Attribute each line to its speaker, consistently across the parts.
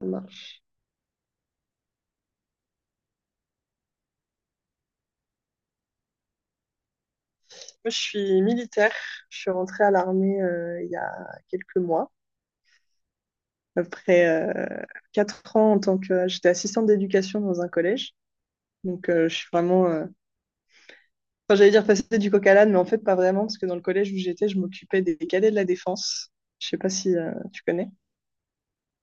Speaker 1: Ça marche. Moi, je suis militaire. Je suis rentrée à l'armée il y a quelques mois, après 4 ans en tant que... J'étais assistante d'éducation dans un collège. Je suis vraiment... Enfin, j'allais dire passer du coq à l'âne, mais en fait, pas vraiment, parce que dans le collège où j'étais, je m'occupais des cadets de la défense. Je sais pas si tu connais.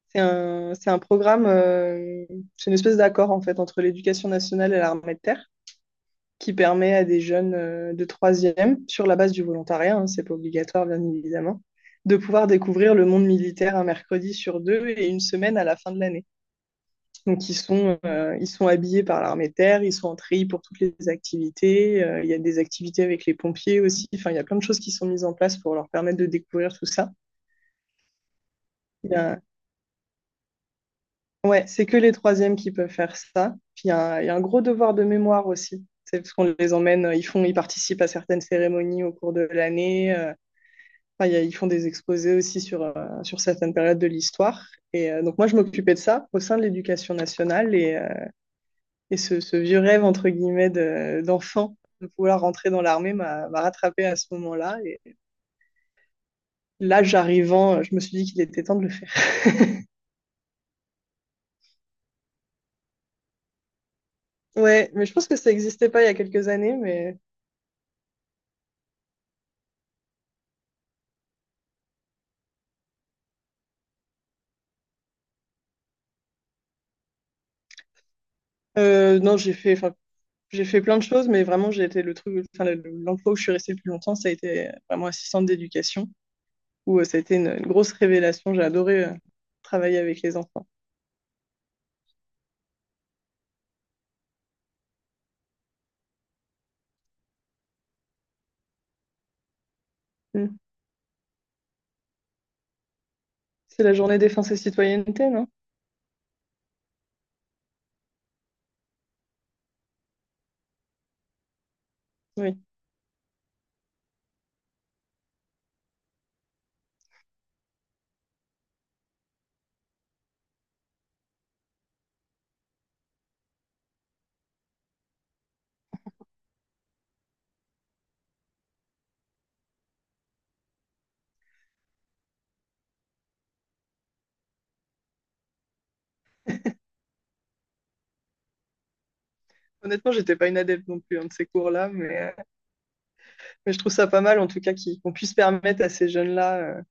Speaker 1: C'est un programme, c'est une espèce d'accord, en fait, entre l'éducation nationale et l'armée de terre, qui permet à des jeunes de troisième, sur la base du volontariat, hein, c'est pas obligatoire bien évidemment, de pouvoir découvrir le monde militaire un mercredi sur deux et une semaine à la fin de l'année. Donc ils sont habillés par l'armée de terre, ils sont en treillis pour toutes les activités, il y a des activités avec les pompiers aussi, enfin il y a plein de choses qui sont mises en place pour leur permettre de découvrir tout ça. Il y a... Ouais, c'est que les troisièmes qui peuvent faire ça. Puis il y a un gros devoir de mémoire aussi. C'est parce qu'on les emmène, ils font, ils participent à certaines cérémonies au cours de l'année. Enfin, ils font des exposés aussi sur, sur certaines périodes de l'histoire. Donc moi, je m'occupais de ça au sein de l'éducation nationale. Et ce vieux rêve, entre guillemets, d'enfant de vouloir rentrer dans l'armée m'a rattrapé à ce moment-là. Et l'âge arrivant, je me suis dit qu'il était temps de le faire. Ouais, mais je pense que ça n'existait pas il y a quelques années. Mais non, j'ai fait, enfin, j'ai fait plein de choses, mais vraiment, j'ai été le truc, enfin, l'emploi où je suis restée le plus longtemps, ça a été vraiment assistante d'éducation, où ça a été une grosse révélation. J'ai adoré travailler avec les enfants. Mm. C'est la journée défense et citoyenneté, non? Oui. Honnêtement, j'étais pas une adepte non plus hein, de ces cours-là, mais je trouve ça pas mal, en tout cas, qu'on puisse permettre à ces jeunes-là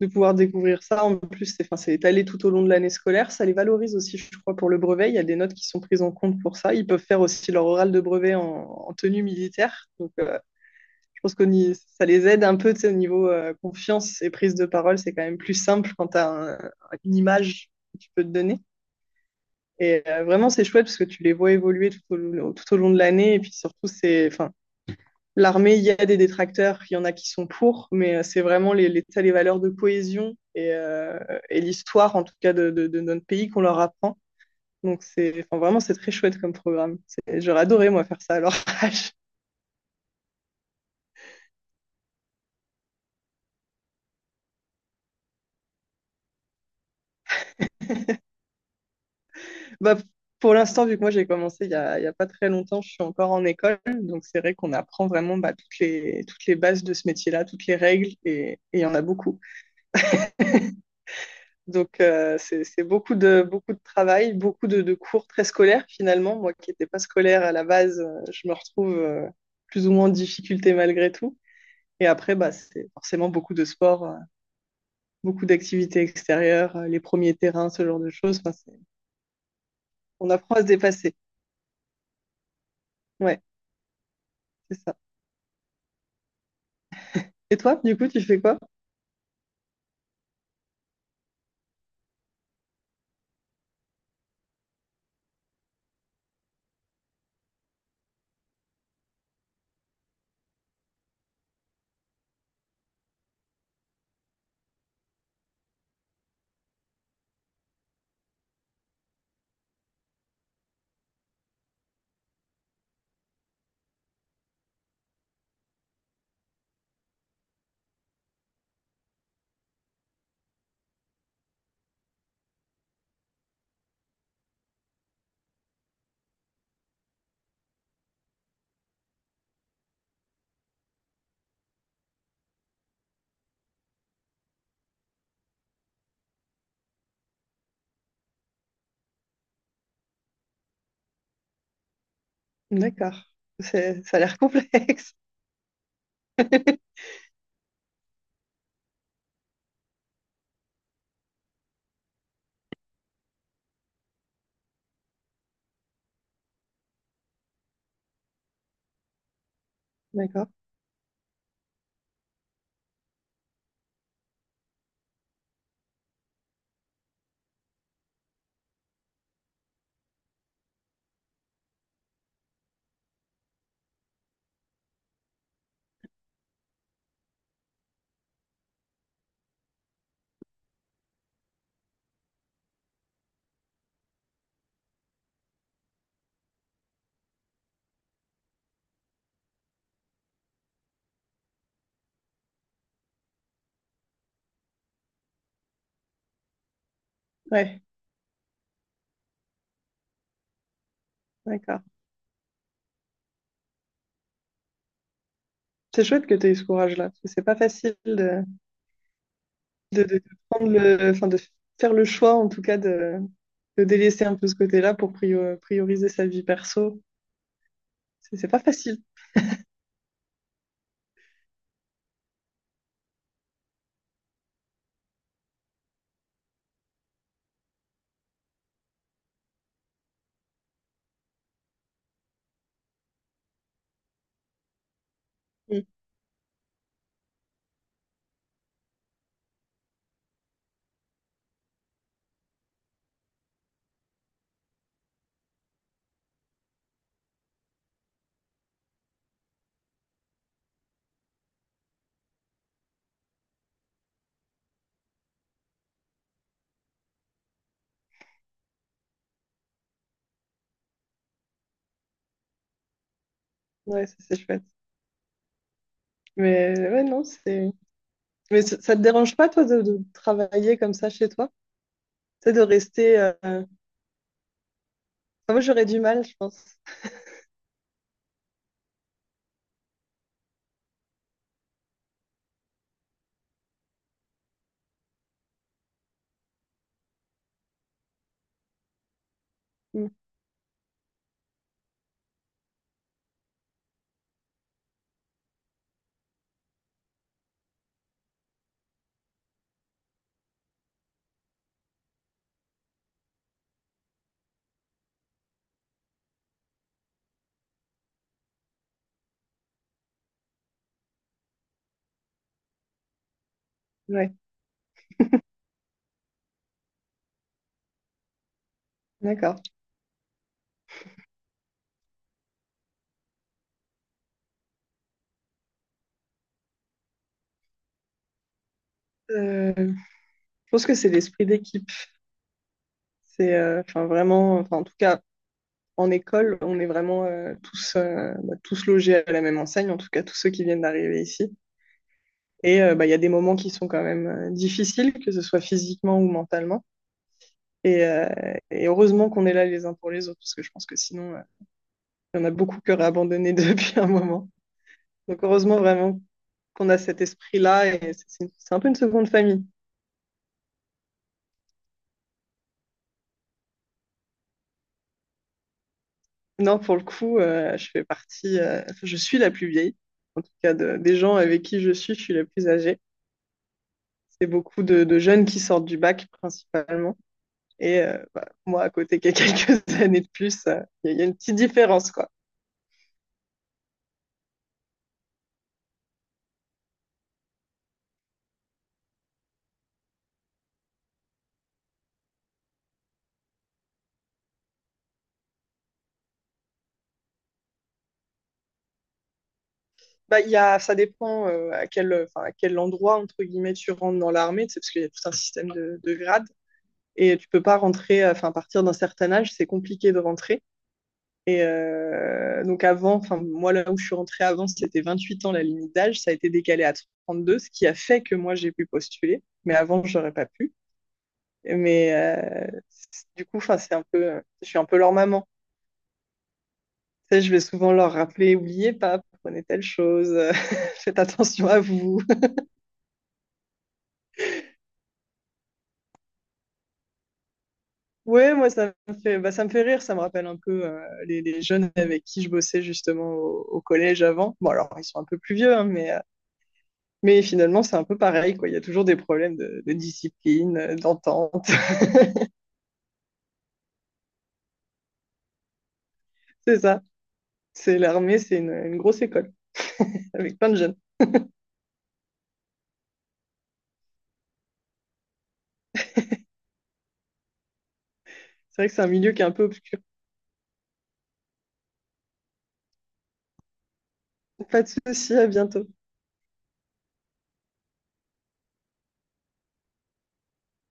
Speaker 1: de pouvoir découvrir ça. En plus, c'est, enfin, c'est étalé tout au long de l'année scolaire. Ça les valorise aussi, je crois, pour le brevet. Il y a des notes qui sont prises en compte pour ça. Ils peuvent faire aussi leur oral de brevet en, en tenue militaire. Je pense que ça les aide un peu, tu sais, au niveau confiance et prise de parole. C'est quand même plus simple quand tu as une image que tu peux te donner. Vraiment, c'est chouette parce que tu les vois évoluer tout au long de l'année. Et puis surtout, c'est, enfin, l'armée, il y a des détracteurs, il y en a qui sont pour, mais c'est vraiment les valeurs de cohésion et l'histoire, en tout cas, de notre pays qu'on leur apprend. Donc, c'est, enfin, vraiment, c'est très chouette comme programme. C'est- J'aurais adoré, moi, faire ça à leur âge. Bah, pour l'instant, vu que moi, j'ai commencé il y a pas très longtemps, je suis encore en école. Donc, c'est vrai qu'on apprend vraiment bah, toutes les bases de ce métier-là, toutes les règles, et il y en a beaucoup. C'est beaucoup de travail, beaucoup de cours très scolaires finalement. Moi qui n'étais pas scolaire à la base, je me retrouve plus ou moins en difficulté malgré tout. Et après, bah, c'est forcément beaucoup de sport, beaucoup d'activités extérieures, les premiers terrains, ce genre de choses. Enfin, c'est- on apprend à se dépasser. Ouais, c'est ça. Et toi, du coup, tu fais quoi? D'accord. C'est- Ça a l'air complexe. D'accord. Ouais, d'accord. C'est chouette que tu aies eu ce courage-là, parce que c'est pas facile de prendre le, enfin, de faire le choix, en tout cas, de délaisser un peu ce côté-là pour prioriser sa vie perso. C'est pas facile. Mm. Ouais, ça, c'est chouette. Mais ouais, non, c'est. Mais ça te dérange pas, toi, de travailler comme ça chez toi? C'est de rester. Enfin, moi, j'aurais du mal, je pense. Mm. Ouais, d'accord. Euh, je pense que c'est l'esprit d'équipe. C'est enfin vraiment, enfin, en tout cas, en école, on est vraiment tous, bah, tous logés à la même enseigne, en tout cas, tous ceux qui viennent d'arriver ici. Bah, il y a des moments qui sont quand même difficiles, que ce soit physiquement ou mentalement. Et, euh, et heureusement qu'on est là les uns pour les autres, parce que je pense que sinon, il y en a beaucoup qui auraient abandonné depuis un moment. Donc heureusement vraiment qu'on a cet esprit-là, et c'est un peu une seconde famille. Non, pour le coup, je fais partie, enfin, je suis la plus vieille, en tout cas des gens avec qui je suis la plus âgée. C'est beaucoup de jeunes qui sortent du bac principalement. Bah, moi, à côté qui ai quelques années de plus, il y a une petite différence, quoi. Bah, il y a, ça dépend à quel, enfin, à quel endroit, entre guillemets, tu rentres dans l'armée, tu sais, parce qu'il y a tout un système de grades. Et tu peux pas rentrer, enfin, à partir d'un certain âge, c'est compliqué de rentrer. Donc avant, enfin, moi, là où je suis rentrée avant, c'était 28 ans la limite d'âge. Ça a été décalé à 32, ce qui a fait que moi, j'ai pu postuler. Mais avant, j'aurais pas pu. Mais du coup, enfin, c'est un peu, je suis un peu leur maman. Tu sais, je vais souvent leur rappeler, oubliez pas, prenez telle chose, faites attention à vous. Ouais, moi, ça me fait, bah, ça me fait rire, ça me rappelle un peu les jeunes avec qui je bossais justement au, au collège avant. Bon, alors, ils sont un peu plus vieux, hein, mais finalement, c'est un peu pareil, quoi. Il y a toujours des problèmes de discipline, d'entente. C'est ça. C'est l'armée, c'est une grosse école avec plein de jeunes. C'est vrai que c'est un milieu qui est un peu obscur. Pas de souci, à bientôt.